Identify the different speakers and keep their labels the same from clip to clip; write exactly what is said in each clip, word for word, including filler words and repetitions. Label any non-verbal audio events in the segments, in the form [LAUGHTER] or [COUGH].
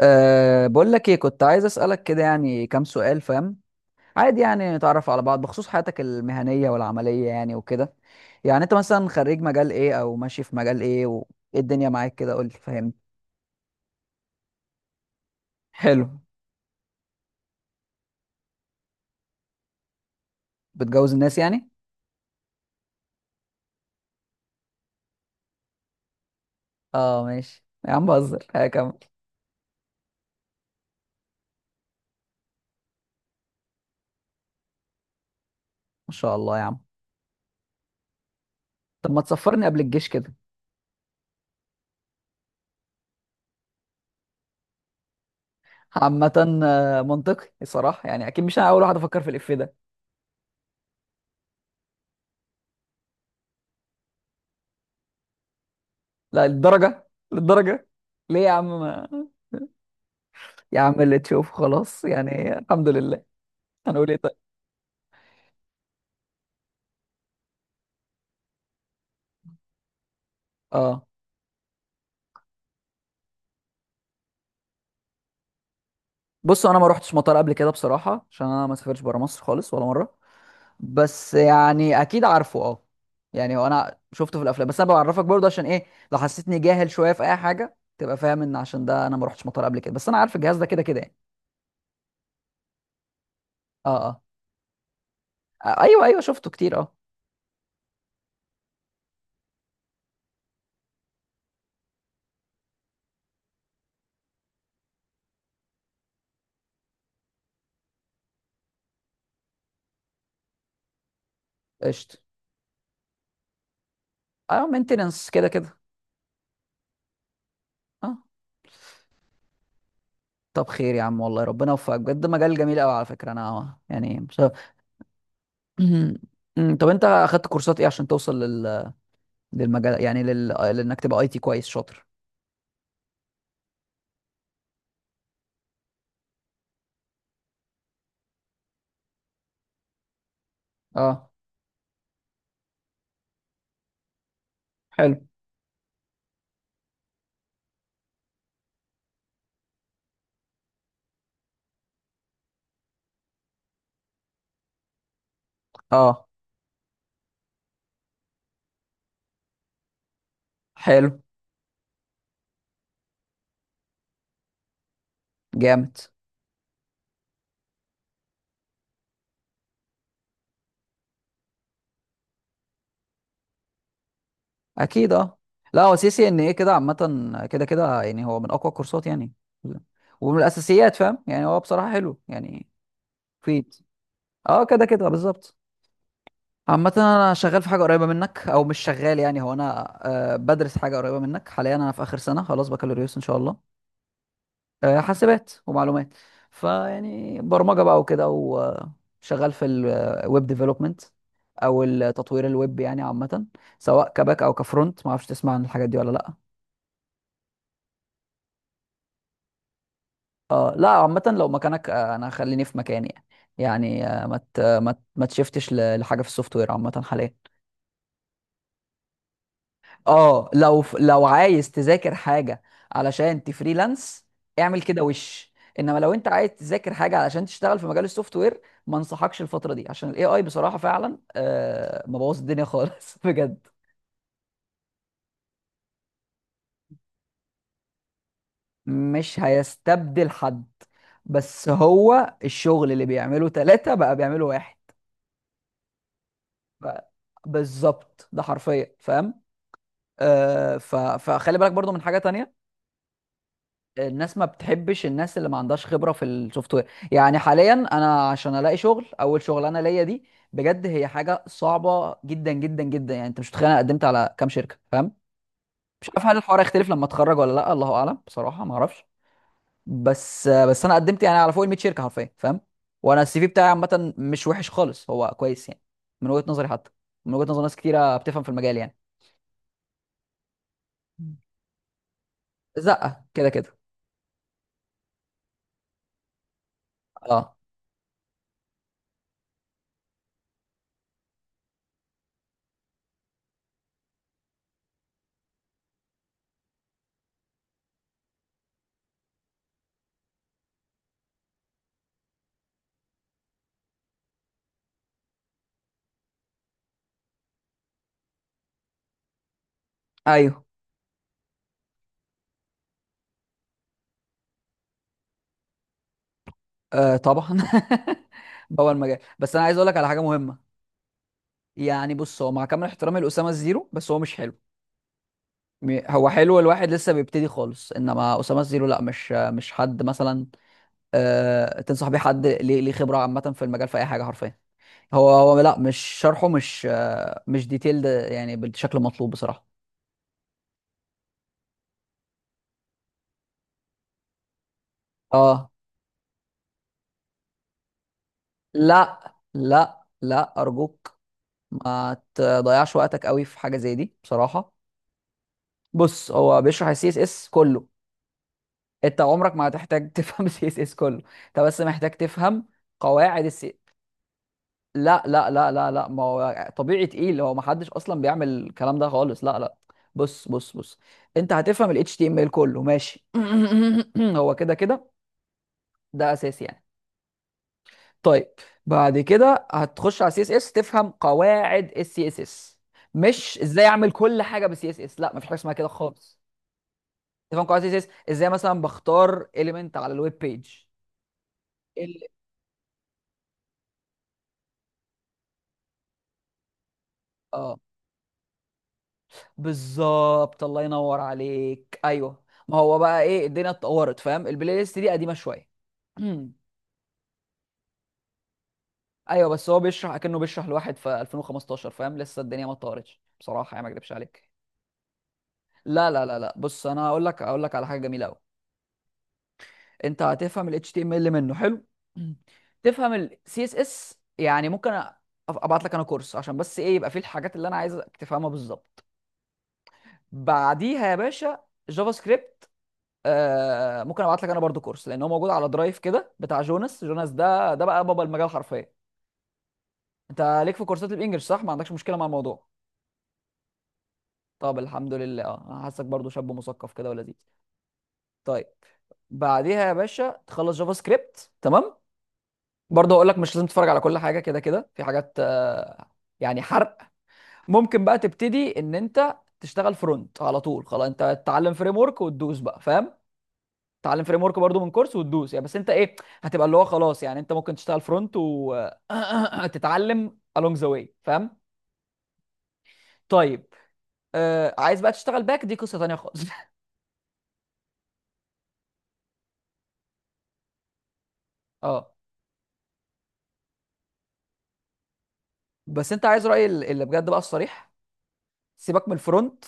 Speaker 1: أه بقول لك ايه، كنت عايز اسالك كده، يعني كام سؤال فاهم؟ عادي يعني نتعرف على بعض بخصوص حياتك المهنيه والعمليه يعني وكده. يعني انت مثلا خريج مجال ايه او ماشي في مجال ايه، وايه الدنيا معاك كده؟ قول لي فاهمني. حلو. بتجوز الناس يعني؟ اه ماشي يا عم بهزر. [LAUGHS] هكمل. ما شاء الله يا عم. طب ما تسفرني قبل الجيش كده؟ عامه آه، منطقي الصراحه، يعني اكيد مش انا اول واحد افكر في الاف ده. لا للدرجه للدرجه. ليه يا عم ما... يا عم اللي تشوفه خلاص يعني، الحمد لله. هنقول ايه طيب. اه. بصوا، انا ما روحتش مطار قبل كده بصراحه، عشان انا ما سافرتش بره مصر خالص ولا مره، بس يعني اكيد عارفه. اه يعني هو انا شفته في الافلام، بس انا بعرفك برضه عشان ايه، لو حسيتني جاهل شويه في اي حاجه تبقى فاهم ان عشان ده انا ما روحتش مطار قبل كده، بس انا عارف الجهاز ده كده كده يعني. اه اه آه، ايوه ايوه شفته كتير اه. قشطه. اه مينتننس كده كده. اه طب خير يا عم، والله ربنا يوفقك بجد، مجال جميل قوي على فكره، انا يعني مش [LAUGHS] [CLEARS THROAT] طب انت اخدت كورسات ايه عشان توصل لل للمجال يعني لل... لانك تبقى اي تي كويس شاطر؟ اه. حلو. اه حلو. جامد. اكيد اه. لا هو سي سي ان ايه كده عامه كده كده يعني، هو من اقوى الكورسات يعني، ومن الاساسيات فاهم، يعني هو بصراحه حلو يعني. مفيد. اه كده كده بالظبط. عامه انا شغال في حاجه قريبه منك او مش شغال، يعني هو انا آه بدرس حاجه قريبه منك حاليا، انا في اخر سنه خلاص بكالوريوس ان شاء الله آه، حاسبات ومعلومات. فيعني برمجه بقى وكده، وشغال في الويب ديفلوبمنت، او التطوير الويب يعني عامه، سواء كباك او كفرونت. ما اعرفش تسمع عن الحاجات دي ولا لا؟ اه. لا عامه لو مكانك آه، انا خليني في مكاني، يعني يعني آه، ما ت- ما ت- ما تشفتش ل- لحاجه في السوفت وير عامه حاليا. اه لو ف- لو عايز تذاكر حاجه علشان تفريلانس، اعمل كده وش. انما لو انت عايز تذاكر حاجه علشان تشتغل في مجال السوفت وير، ما انصحكش الفتره دي عشان الاي اي بصراحه فعلا آه مبوظ الدنيا خالص [LAUGHS] بجد. مش هيستبدل حد، بس هو الشغل اللي بيعمله ثلاثة بقى بيعمله واحد. ف- بالظبط ده حرفيا فاهم. آه ف... فخلي بالك برضو من حاجة تانية. الناس ما بتحبش الناس اللي ما عندهاش خبره في السوفت وير، يعني حاليا انا عشان الاقي شغل، اول شغلانه ليا دي بجد هي حاجه صعبه جدا جدا جدا، يعني انت مش متخيل انا قدمت على كام شركه فاهم. مش عارف هل الحوار هيختلف لما اتخرج ولا لا، الله اعلم بصراحه ما اعرفش. بس بس انا قدمت يعني على فوق ال مية شركه حرفيا فاهم. وانا السي في بتاعي عامه مش وحش خالص، هو كويس يعني، من وجهه نظري حتى، من وجهه نظر ناس كتيره بتفهم في المجال يعني. مم. زقه كده كده. اه ايوه. آه طبعا. [LAUGHS] بوع المجال، بس انا عايز اقول لك على حاجه مهمه. يعني بص، هو مع كامل احترامي لاسامه الزيرو بس هو مش حلو. م- هو حلو الواحد لسه بيبتدي خالص، انما اسامه الزيرو لا، مش مش حد مثلا آه تنصح بيه حد ليه ليه خبره عامه في المجال في اي حاجه حرفيا. هو هو لا، مش شرحه مش آه مش ديتيلد يعني بالشكل المطلوب بصراحه. اه لا لا لا ارجوك، ما تضيعش وقتك قوي في حاجه زي دي بصراحه. بص هو بيشرح السي اس اس كله، انت عمرك ما هتحتاج [LAUGHS] تفهم سي اس اس كله، انت بس محتاج تفهم قواعد السي. لا لا لا لا لا، ما هو طبيعي تقيل، هو ما حدش اصلا بيعمل الكلام ده خالص، لا لا. بص بص بص، انت هتفهم ال H T M L كله ماشي؟ [CLEARS THROAT] هو كده كده ده اساسي يعني. طيب، بعد كده هتخش على سي اس اس، تفهم قواعد السي اس اس، مش ازاي اعمل كل حاجه بالسي اس اس، لا مفيش حاجه اسمها كده خالص. تفهم قواعد السي اس اس، ازاي مثلا بختار اليمنت على الويب بيج. ال... اه بالظبط الله ينور عليك، ايوه ما هو بقى ايه الدنيا اتطورت فاهم، البلاي ليست دي قديمه شويه. [CLEARS THROAT] ايوه، بس هو بيشرح اكنه بيشرح لواحد في ألفين وخمستاشر فاهم، لسه الدنيا ما اتطورتش بصراحه يعني ما اكدبش عليك. لا لا لا لا بص، انا هقول لك هقول لك على حاجه جميله قوي. انت هتفهم ال H T M L منه حلو. [CLEARS THROAT] تفهم ال سي إس إس، يعني ممكن أ- ابعت لك انا كورس عشان بس ايه يبقى فيه الحاجات اللي انا عايزك تفهمها بالظبط. بعديها يا باشا جافا سكريبت آه، ممكن ابعت لك انا برضو كورس لان هو موجود على درايف كده بتاع جوناس. جوناس ده ده بقى بابا المجال حرفيا. انت ليك في كورسات الانجليش صح؟ ما عندكش مشكله مع الموضوع؟ طب الحمد لله، اه أنا حاسك برضو شاب مثقف كده ولذيذ. طيب بعديها يا باشا تخلص جافا سكريبت تمام. برضو هقول لك مش لازم تتفرج على كل حاجه، كده كده في حاجات آه، يعني حرق. ممكن بقى تبتدي ان انت تشتغل فرونت على طول، خلاص انت تتعلم فريم ورك وتدوس بقى فاهم. تعلم فريم ورك برضو من كورس وتدوس يعني، بس انت ايه هتبقى اللي هو خلاص، يعني انت ممكن تشتغل فرونت وتتعلم [CLEARS THROAT] along the way فاهم. طيب آه عايز بقى تشتغل باك، دي قصة تانية خالص. [LAUGHS] اه بس انت عايز رأيي ال- اللي بجد بقى الصريح؟ سيبك من الفرونت،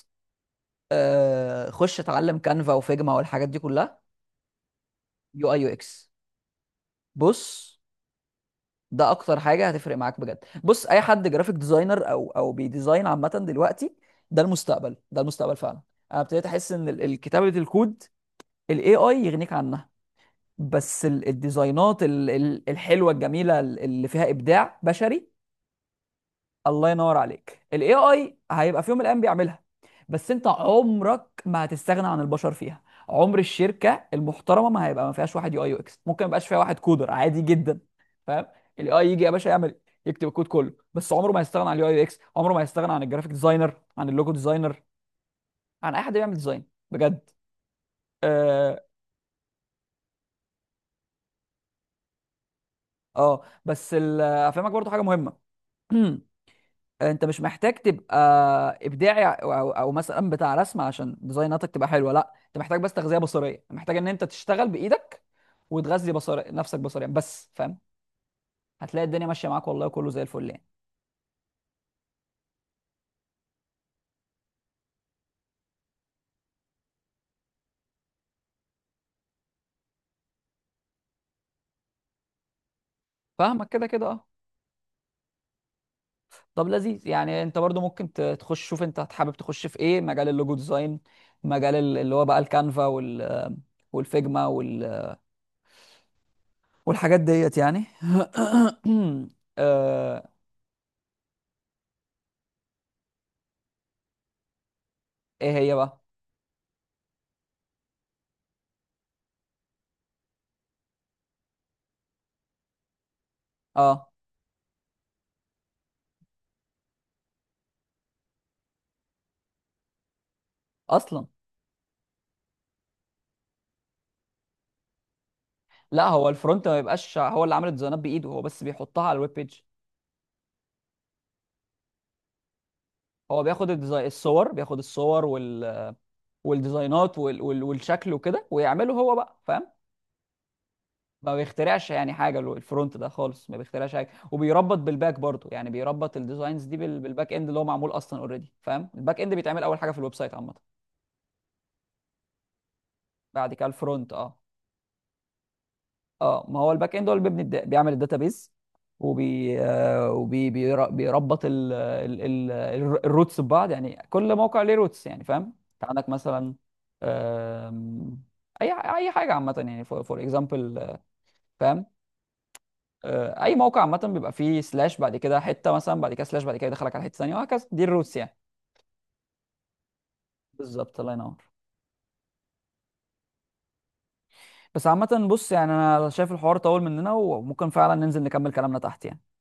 Speaker 1: آه خش اتعلم كانفا وفيجما والحاجات دي كلها. يو اي يو اكس. بص، ده اكتر حاجة هتفرق معاك بجد. بص اي حد جرافيك ديزاينر او او بيديزاين عامة دلوقتي، ده المستقبل، ده المستقبل فعلا. انا ابتديت احس ان ال- الكتابة الكود الاي اي يغنيك عنها. بس ال- الديزاينات ال- ال- الحلوه الجميله ال- اللي فيها ابداع بشري، الله ينور عليك، الاي اي هيبقى في يوم من الايام بيعملها، بس انت عمرك ما هتستغنى عن البشر فيها. عمر الشركه المحترمه ما هيبقى ما فيهاش واحد يو اي يو اكس، ممكن ما يبقاش فيها واحد كودر عادي جدا فاهم. الاي اي يجي يا باشا يعمل، يكتب الكود كله، بس عمره ما هيستغنى عن اليو اي يو اكس، عمره ما هيستغنى عن الجرافيك ديزاينر، عن اللوجو ديزاينر، عن اي حد بيعمل ديزاين بجد. اه آه. بس ال- افهمك برضو حاجه مهمه. [CLEARS THROAT] انت مش محتاج تبقى ابداعي او او أو مثلا بتاع رسم عشان ديزايناتك تبقى حلوه، لا انت محتاج بس تغذيه بصريه، محتاج ان انت تشتغل بايدك وتغذي بصري نفسك بصريا بس فاهم. هتلاقي الدنيا ماشيه معاك والله، كله زي الفل يعني. فاهمك كده كده اه. طب لذيذ يعني، انت برضو ممكن ت- تخش، شوف انت حابب تخش في ايه، مجال اللوجو ديزاين، مجال ال- اللي هو بقى الكانفا وال والفيجما وال والحاجات ديت يعني. [CLEARS THROAT] آه، ايه هي بقى؟ اه اصلا. لا هو الفرونت ما بيبقاش هو اللي عامل الديزاينات بايده، هو بس بيحطها على الويب بيج. هو بياخد الديزاين الصور، بياخد الصور وال... والديزاينات وال... وال... والشكل وكده ويعمله هو بقى فاهم. ما بيخترعش يعني حاجه ال- الفرونت ده خالص، ما بيخترعش حاجه، وبيربط بالباك برضه يعني، بيربط الديزاينز دي بال... بالباك اند اللي هو معمول اصلا اوريدي فاهم. الباك اند بيتعمل اول حاجه في الويب سايت عامه، بعد كده الفرونت اه. اه ما هو الباك اند هو اللي بيبني الدا- بيعمل الداتابيز، وبي آه، وبي بير- بيربط ال... ال... ال... ال- الروتس ببعض، يعني كل موقع ليه روتس يعني فاهم. انت عندك مثلا آم، اي اي حاجه عامه يعني فور اكزامبل فاهم آه، اي موقع عامه بيبقى فيه سلاش، بعد كده حته مثلا، بعد كده سلاش، بعد كده يدخلك على حته ثانيه وهكذا، دي الروتس يعني. بالظبط الله ينور. بس عامه بص، يعني انا شايف الحوار طول مننا وممكن فعلا ننزل نكمل كلامنا تحت يعني.